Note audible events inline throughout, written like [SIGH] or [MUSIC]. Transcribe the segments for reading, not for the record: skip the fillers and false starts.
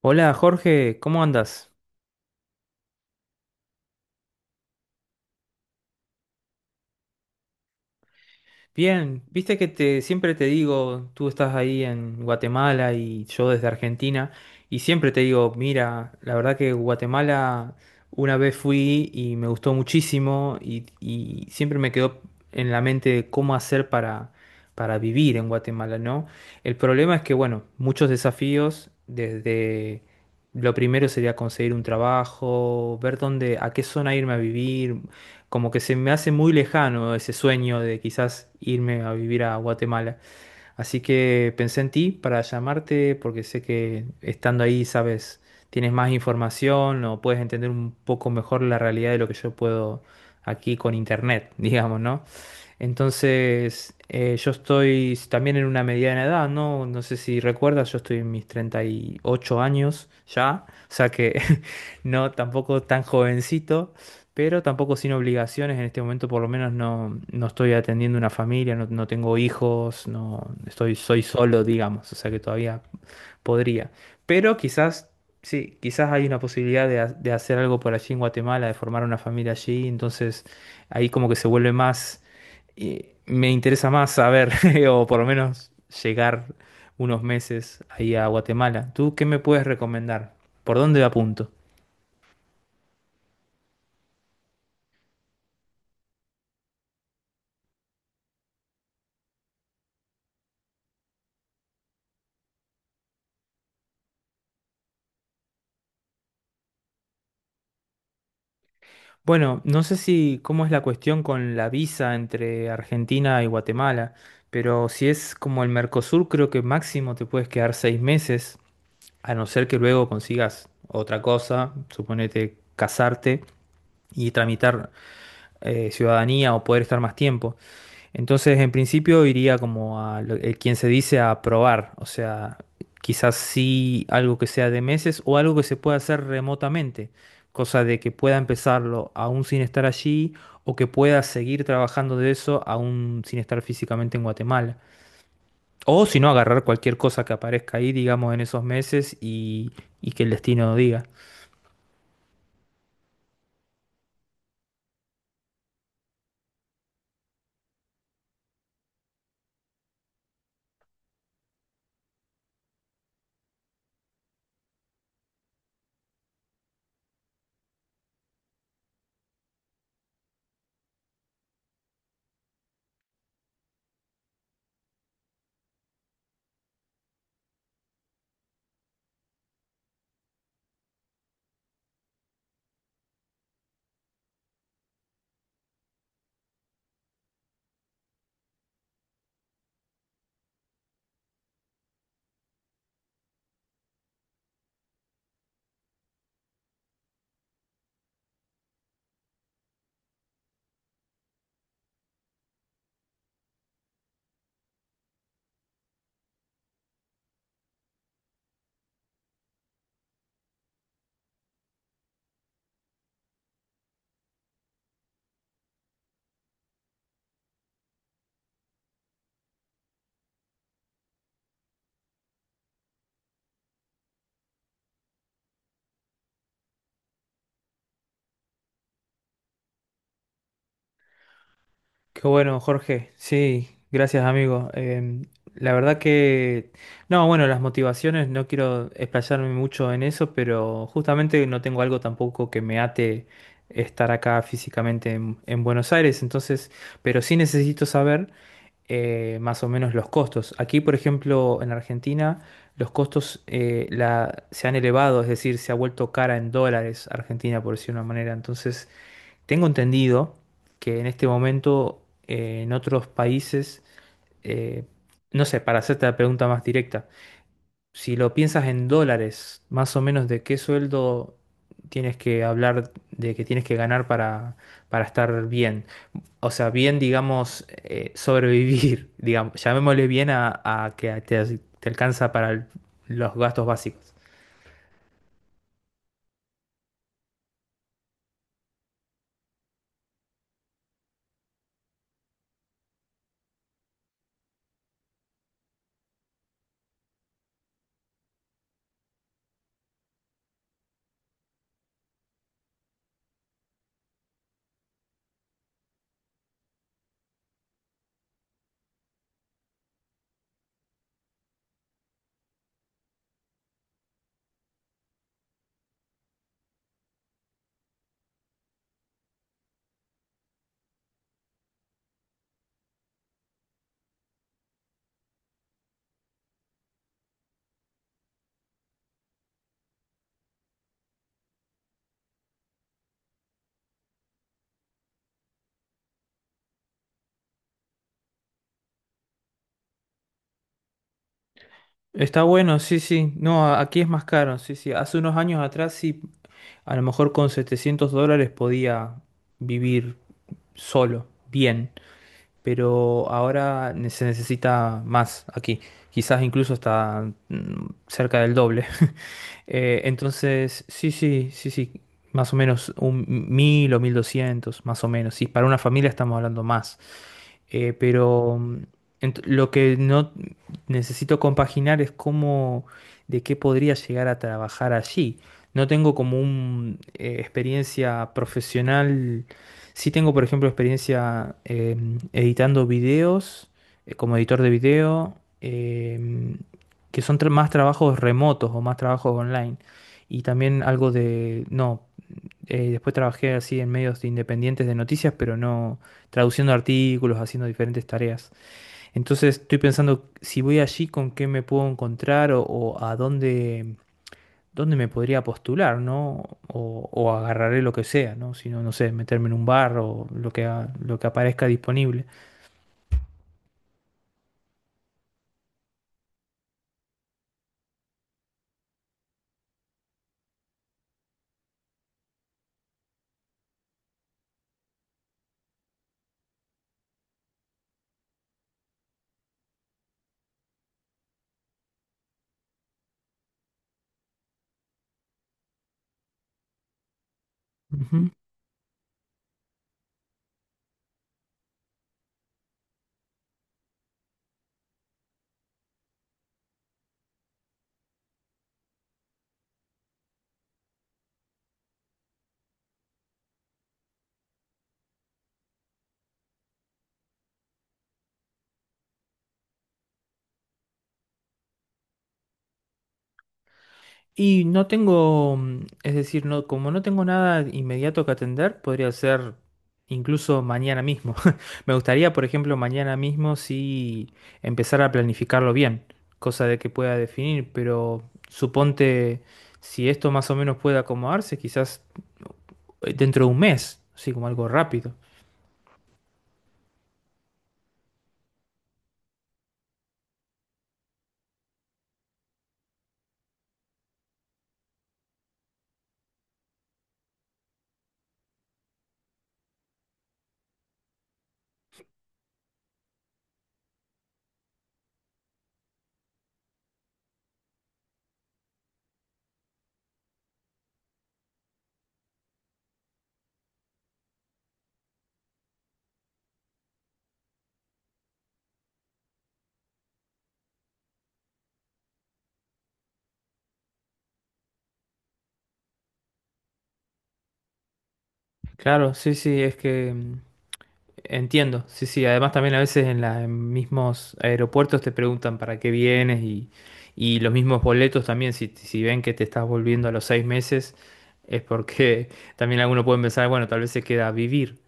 Hola Jorge, ¿cómo andas? Bien, viste que te siempre te digo, tú estás ahí en Guatemala y yo desde Argentina, y siempre te digo, mira, la verdad que Guatemala una vez fui y me gustó muchísimo y siempre me quedó en la mente cómo hacer para vivir en Guatemala, ¿no? El problema es que, bueno, muchos desafíos desde... Lo primero sería conseguir un trabajo, ver dónde, a qué zona irme a vivir, como que se me hace muy lejano ese sueño de quizás irme a vivir a Guatemala. Así que pensé en ti para llamarte porque sé que estando ahí, sabes, tienes más información o puedes entender un poco mejor la realidad de lo que yo puedo aquí con internet, [LAUGHS] digamos, ¿no? Entonces, yo estoy también en una mediana edad, ¿no? No sé si recuerdas, yo estoy en mis 38 años ya, o sea que [LAUGHS] no, tampoco tan jovencito, pero tampoco sin obligaciones en este momento, por lo menos no, no estoy atendiendo una familia, no, no tengo hijos, no estoy, soy solo, digamos, o sea que todavía podría. Pero quizás, sí, quizás hay una posibilidad de hacer algo por allí en Guatemala, de formar una familia allí. Entonces, ahí como que se vuelve más, me interesa más saber, [LAUGHS] o por lo menos llegar unos meses ahí a Guatemala. ¿Tú qué me puedes recomendar? ¿Por dónde apunto? Bueno, no sé si cómo es la cuestión con la visa entre Argentina y Guatemala, pero si es como el Mercosur, creo que máximo te puedes quedar 6 meses. A no ser que luego consigas otra cosa, suponete casarte y tramitar ciudadanía o poder estar más tiempo. Entonces, en principio iría como quien se dice a probar, o sea, quizás sí algo que sea de meses o algo que se pueda hacer remotamente, cosa de que pueda empezarlo aún sin estar allí o que pueda seguir trabajando de eso aún sin estar físicamente en Guatemala. O si no, agarrar cualquier cosa que aparezca ahí, digamos, en esos meses y que el destino diga. Qué bueno, Jorge. Sí, gracias, amigo. La verdad que... No, bueno, las motivaciones, no quiero explayarme mucho en eso, pero justamente no tengo algo tampoco que me ate estar acá físicamente en Buenos Aires, entonces, pero sí necesito saber. Eh, más o menos los costos. Aquí, por ejemplo, en Argentina, los costos se han elevado, es decir, se ha vuelto cara en dólares Argentina, por decir de una manera. Entonces, tengo entendido que en este momento en otros países, eh, no sé, para hacerte la pregunta más directa, si lo piensas en dólares, más o menos de qué sueldo tienes que hablar, de que tienes que ganar para, estar bien. O sea, bien, digamos, sobrevivir, [LAUGHS] digamos, llamémosle bien a que te alcanza para los gastos básicos. Está bueno, sí, sí. No, aquí es más caro, sí, sí. Hace unos años atrás sí, a lo mejor con $700 podía vivir solo, bien, pero ahora se necesita más aquí, quizás incluso hasta cerca del doble. Entonces, sí, sí, sí, sí, más o menos 1.000 o 1.200 más o menos. Sí, para una familia estamos hablando más. Pero lo que no necesito compaginar es cómo, de qué podría llegar a trabajar allí. No tengo como una experiencia profesional. Sí tengo, por ejemplo, experiencia editando videos, como editor de video, em, que son más trabajos remotos o más trabajos online. Y también algo de, no, después trabajé así en medios independientes de noticias, pero no traduciendo artículos, haciendo diferentes tareas. Entonces estoy pensando si voy allí con qué me puedo encontrar o a dónde, dónde me podría postular, ¿no? O agarraré lo que sea, ¿no? Si no, no sé, meterme en un bar o lo que aparezca disponible. Y no tengo, es decir, no, como no tengo nada inmediato que atender, podría ser incluso mañana mismo. [LAUGHS] Me gustaría, por ejemplo, mañana mismo sí empezar a planificarlo bien, cosa de que pueda definir, pero suponte si esto más o menos puede acomodarse, quizás dentro de un mes, así como algo rápido. Claro, sí, sí, es que entiendo, sí, sí. Además también a veces en los mismos aeropuertos te preguntan para qué vienes y los mismos boletos también, si ven que te estás volviendo a los 6 meses, es porque [LAUGHS] también algunos pueden pensar, bueno, tal vez se queda a vivir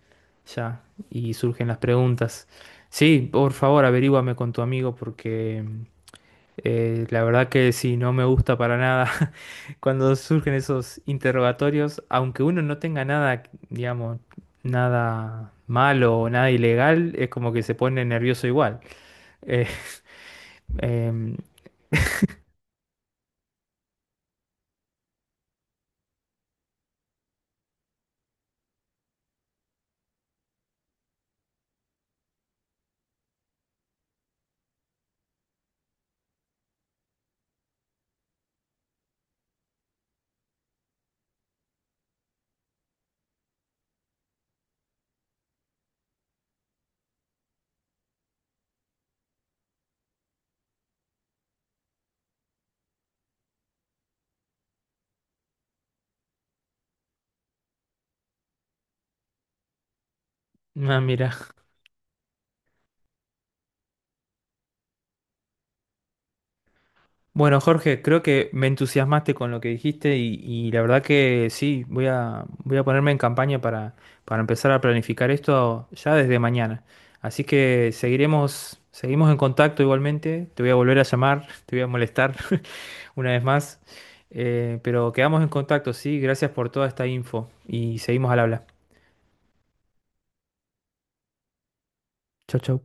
ya y surgen las preguntas. Sí, por favor, averíguame con tu amigo porque la verdad que sí, no me gusta para nada [LAUGHS] cuando surgen esos interrogatorios, aunque uno no tenga nada, digamos, nada malo o nada ilegal, es como que se pone nervioso igual. Eh, [LAUGHS] em, ah, mira. Bueno, Jorge, creo que me entusiasmaste con lo que dijiste y la verdad que sí, voy a ponerme en campaña para, empezar a planificar esto ya desde mañana. Así que seguiremos, seguimos en contacto igualmente. Te voy a volver a llamar, te voy a molestar [LAUGHS] una vez más. Pero quedamos en contacto, sí. Gracias por toda esta info y seguimos al habla. Chau, chau.